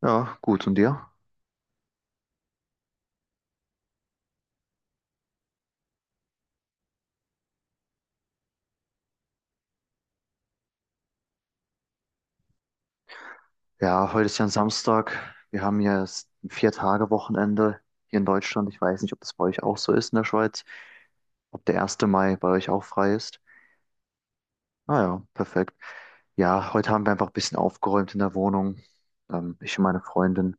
Ja, gut. Und dir? Ja, heute ist ja ein Samstag. Wir haben hier ein Vier-Tage-Wochenende hier in Deutschland. Ich weiß nicht, ob das bei euch auch so ist in der Schweiz, ob der erste Mai bei euch auch frei ist. Ah ja, perfekt. Ja, heute haben wir einfach ein bisschen aufgeräumt in der Wohnung. Ich und meine Freundin ein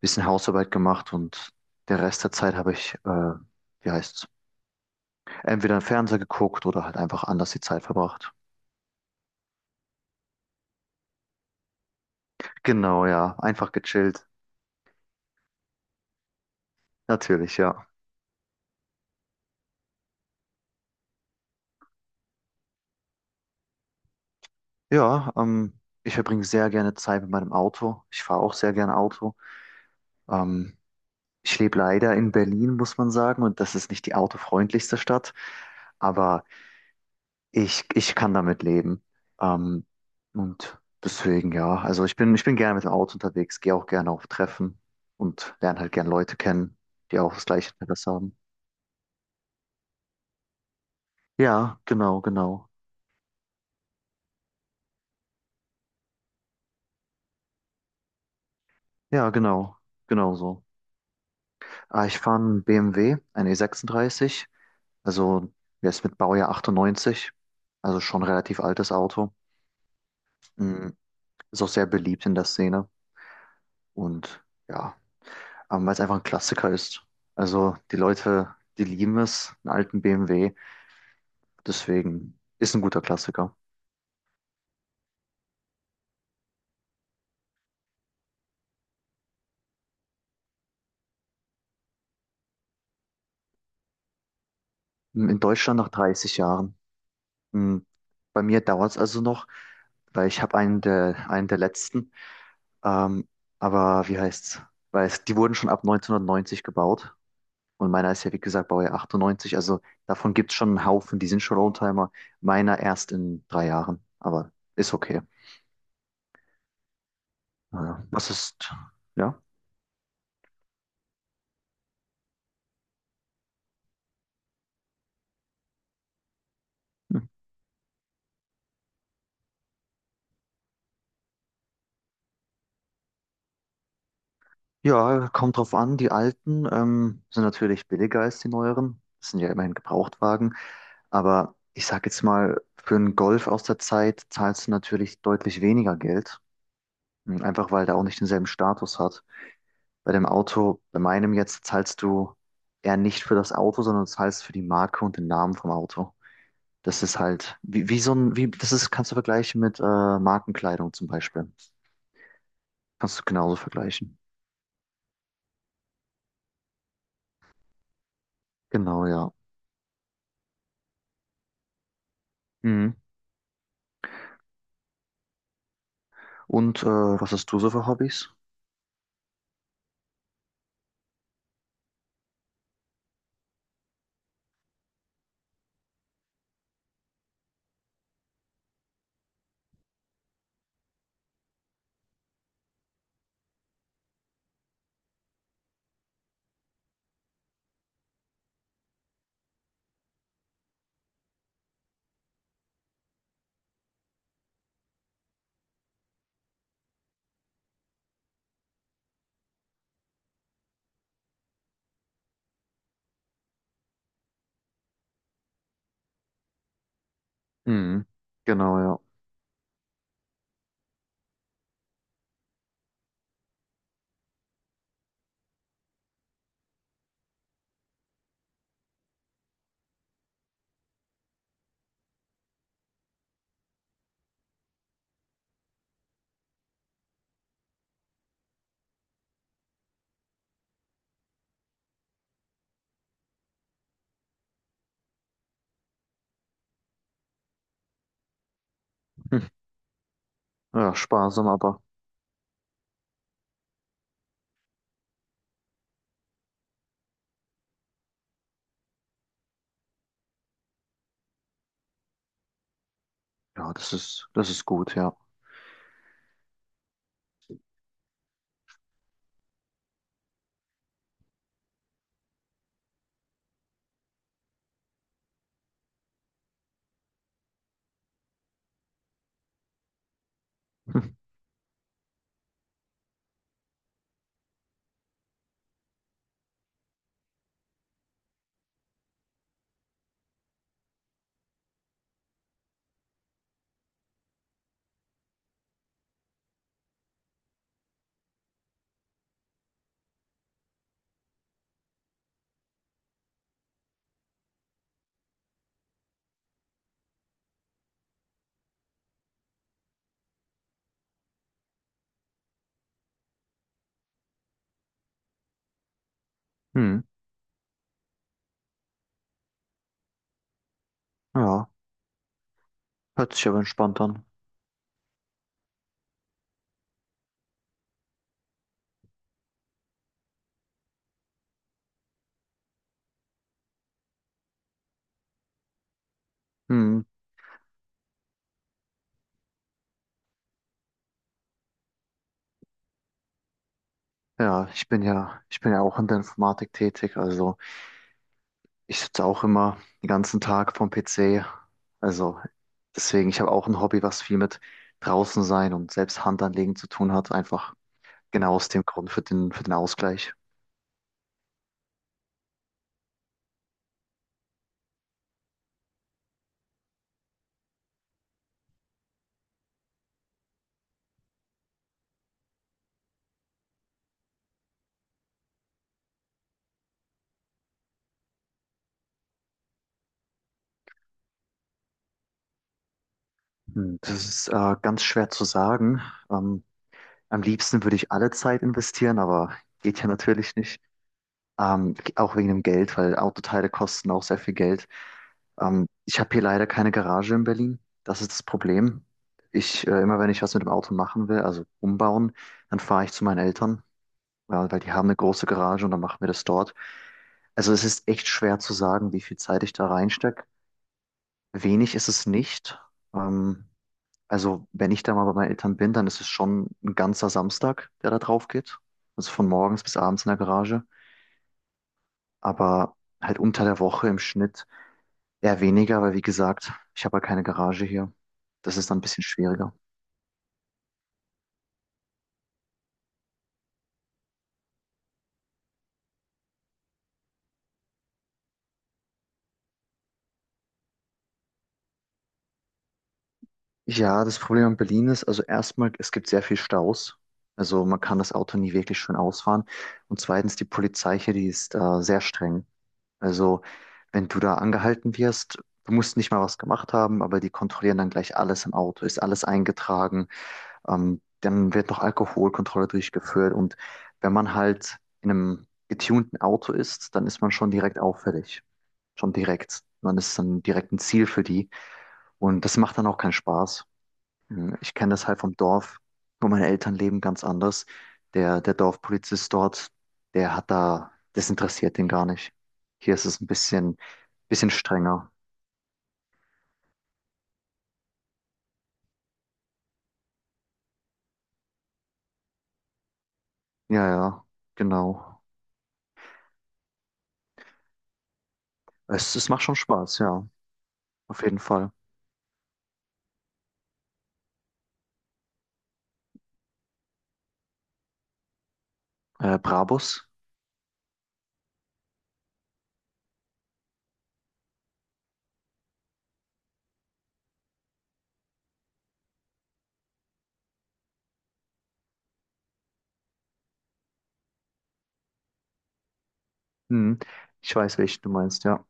bisschen Hausarbeit gemacht und der Rest der Zeit habe ich, wie heißt's, entweder im Fernseher geguckt oder halt einfach anders die Zeit verbracht. Genau, ja, einfach gechillt. Natürlich, ja. Ja, ich verbringe sehr gerne Zeit mit meinem Auto. Ich fahre auch sehr gerne Auto. Ähm, Ich lebe leider in Berlin, muss man sagen, und das ist nicht die autofreundlichste Stadt, aber ich kann damit leben. Ähm, und deswegen, ja, also ich bin gerne mit dem Auto unterwegs, gehe auch gerne auf Treffen und lerne halt gerne Leute kennen, die auch das gleiche Interesse haben. Ja, genau, genau. Ja, genau, genau so. Ah, ich fahre einen BMW, einen E36. Also der ist mit Baujahr 98, also schon relativ altes Auto. Mm, ist auch sehr beliebt in der Szene und ja, weil es einfach ein Klassiker ist. Also die Leute, die lieben es, einen alten BMW, deswegen ist ein guter Klassiker. Mm, in Deutschland nach 30 Jahren. Mm, bei mir dauert es also noch, weil ich habe einen der letzten. Ähm, aber wie heißt's? Die wurden schon ab 1990 gebaut. Und meiner ist ja, wie gesagt, Baujahr 98. Also davon gibt es schon einen Haufen, die sind schon Oldtimer. Meiner erst in 3 Jahren, aber ist okay. Ja. Was ist, ja. Hm. Ja, kommt drauf an. Die alten sind natürlich billiger als die neueren. Das sind ja immerhin Gebrauchtwagen. Aber ich sag jetzt mal, für einen Golf aus der Zeit zahlst du natürlich deutlich weniger Geld. Hm, einfach weil der auch nicht denselben Status hat. Bei dem Auto, bei meinem jetzt, zahlst du eher nicht für das Auto, sondern zahlst für die Marke und den Namen vom Auto. Das ist halt, wie so ein, wie, das ist, kannst du vergleichen mit Markenkleidung zum Beispiel. Kannst du genauso vergleichen. Genau, ja. Mhm. Und was hast du so für Hobbys? Mhm. Genau, ja. Hm. Ja, sparsam, aber ja, das ist gut, ja. Hm. Hm. Ja, hört sich aber entspannt an. Hm. Ja, ich bin ja auch in der Informatik tätig, also. Ich sitze auch immer den ganzen Tag vorm PC. Also deswegen, ich habe auch ein Hobby, was viel mit draußen sein und selbst Hand anlegen zu tun hat. Einfach genau aus dem Grund für für den Ausgleich. Hm, das ist ganz schwer zu sagen. Ähm, Am liebsten würde ich alle Zeit investieren, aber geht ja natürlich nicht. Auch wegen dem Geld, weil Autoteile kosten auch sehr viel Geld. Ich habe hier leider keine Garage in Berlin. Das ist das Problem. Immer wenn ich was mit dem Auto machen will, also umbauen, dann fahre ich zu meinen Eltern, ja, weil die haben eine große Garage und dann machen wir das dort. Also es ist echt schwer zu sagen, wie viel Zeit ich da reinstecke. Wenig ist es nicht. Ähm, also wenn ich da mal bei meinen Eltern bin, dann ist es schon ein ganzer Samstag, der da drauf geht. Also von morgens bis abends in der Garage, aber halt unter der Woche im Schnitt eher weniger, weil wie gesagt, ich habe ja keine Garage hier. Das ist dann ein bisschen schwieriger. Ja, das Problem in Berlin ist, also erstmal, es gibt sehr viel Staus. Also man kann das Auto nie wirklich schön ausfahren. Und zweitens, die Polizei hier, die ist sehr streng. Also wenn du da angehalten wirst, du musst nicht mal was gemacht haben, aber die kontrollieren dann gleich alles im Auto. Ist alles eingetragen? Dann wird noch Alkoholkontrolle durchgeführt und wenn man halt in einem getunten Auto ist, dann ist man schon direkt auffällig. Schon direkt. Man ist dann direkt ein Ziel für die. Und das macht dann auch keinen Spaß. Hm, ich kenne das halt vom Dorf, wo meine Eltern leben, ganz anders. Der Dorfpolizist dort, der hat da, das interessiert den gar nicht. Hier ist es ein bisschen strenger. Ja, ja, genau. Es macht schon Spaß, ja, auf jeden Fall. Brabus? Hm. Ich weiß, welchen du meinst, ja.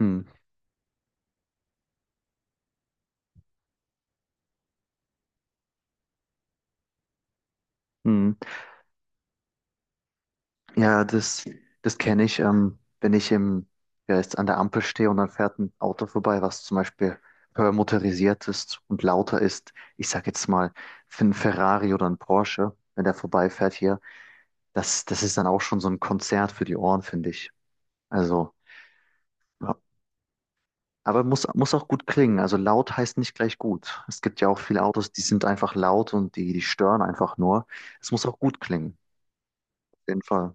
Hm. Hm. Ja, das kenne ich, wenn ich im, ja, jetzt an der Ampel stehe und dann fährt ein Auto vorbei, was zum Beispiel höher motorisiert ist und lauter ist. Ich sag jetzt mal, für einen Ferrari oder einen Porsche, wenn der vorbeifährt hier, das ist dann auch schon so ein Konzert für die Ohren, finde ich. Also, ja. Aber muss auch gut klingen. Also laut heißt nicht gleich gut. Es gibt ja auch viele Autos, die sind einfach laut und die stören einfach nur. Es muss auch gut klingen. Auf jeden Fall.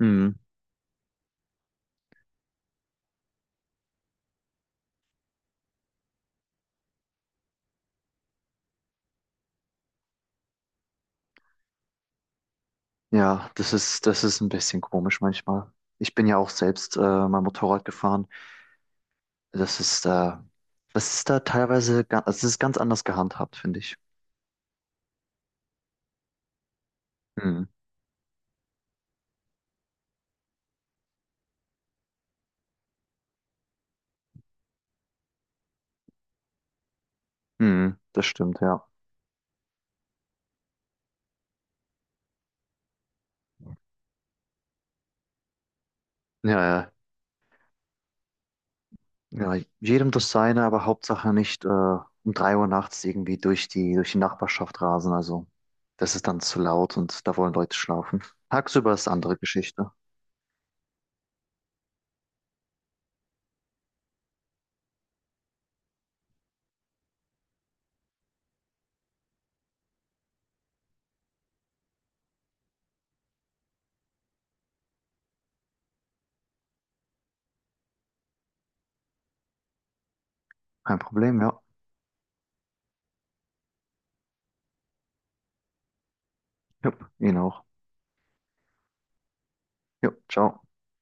Mhm. Ja, das ist ein bisschen komisch manchmal. Ich bin ja auch selbst mal Motorrad gefahren. Das ist da, Das ist da teilweise, also es ist ganz anders gehandhabt, finde ich. Mhm. Mhm. Das stimmt, ja. Ja, ja. Ja, jedem das seine, aber Hauptsache nicht um 3 Uhr nachts irgendwie durch durch die Nachbarschaft rasen. Also das ist dann zu laut und da wollen Leute schlafen. Tagsüber ist eine andere Geschichte. Kein Problem, ja. Jupp, Ihnen auch. Jupp, ciao.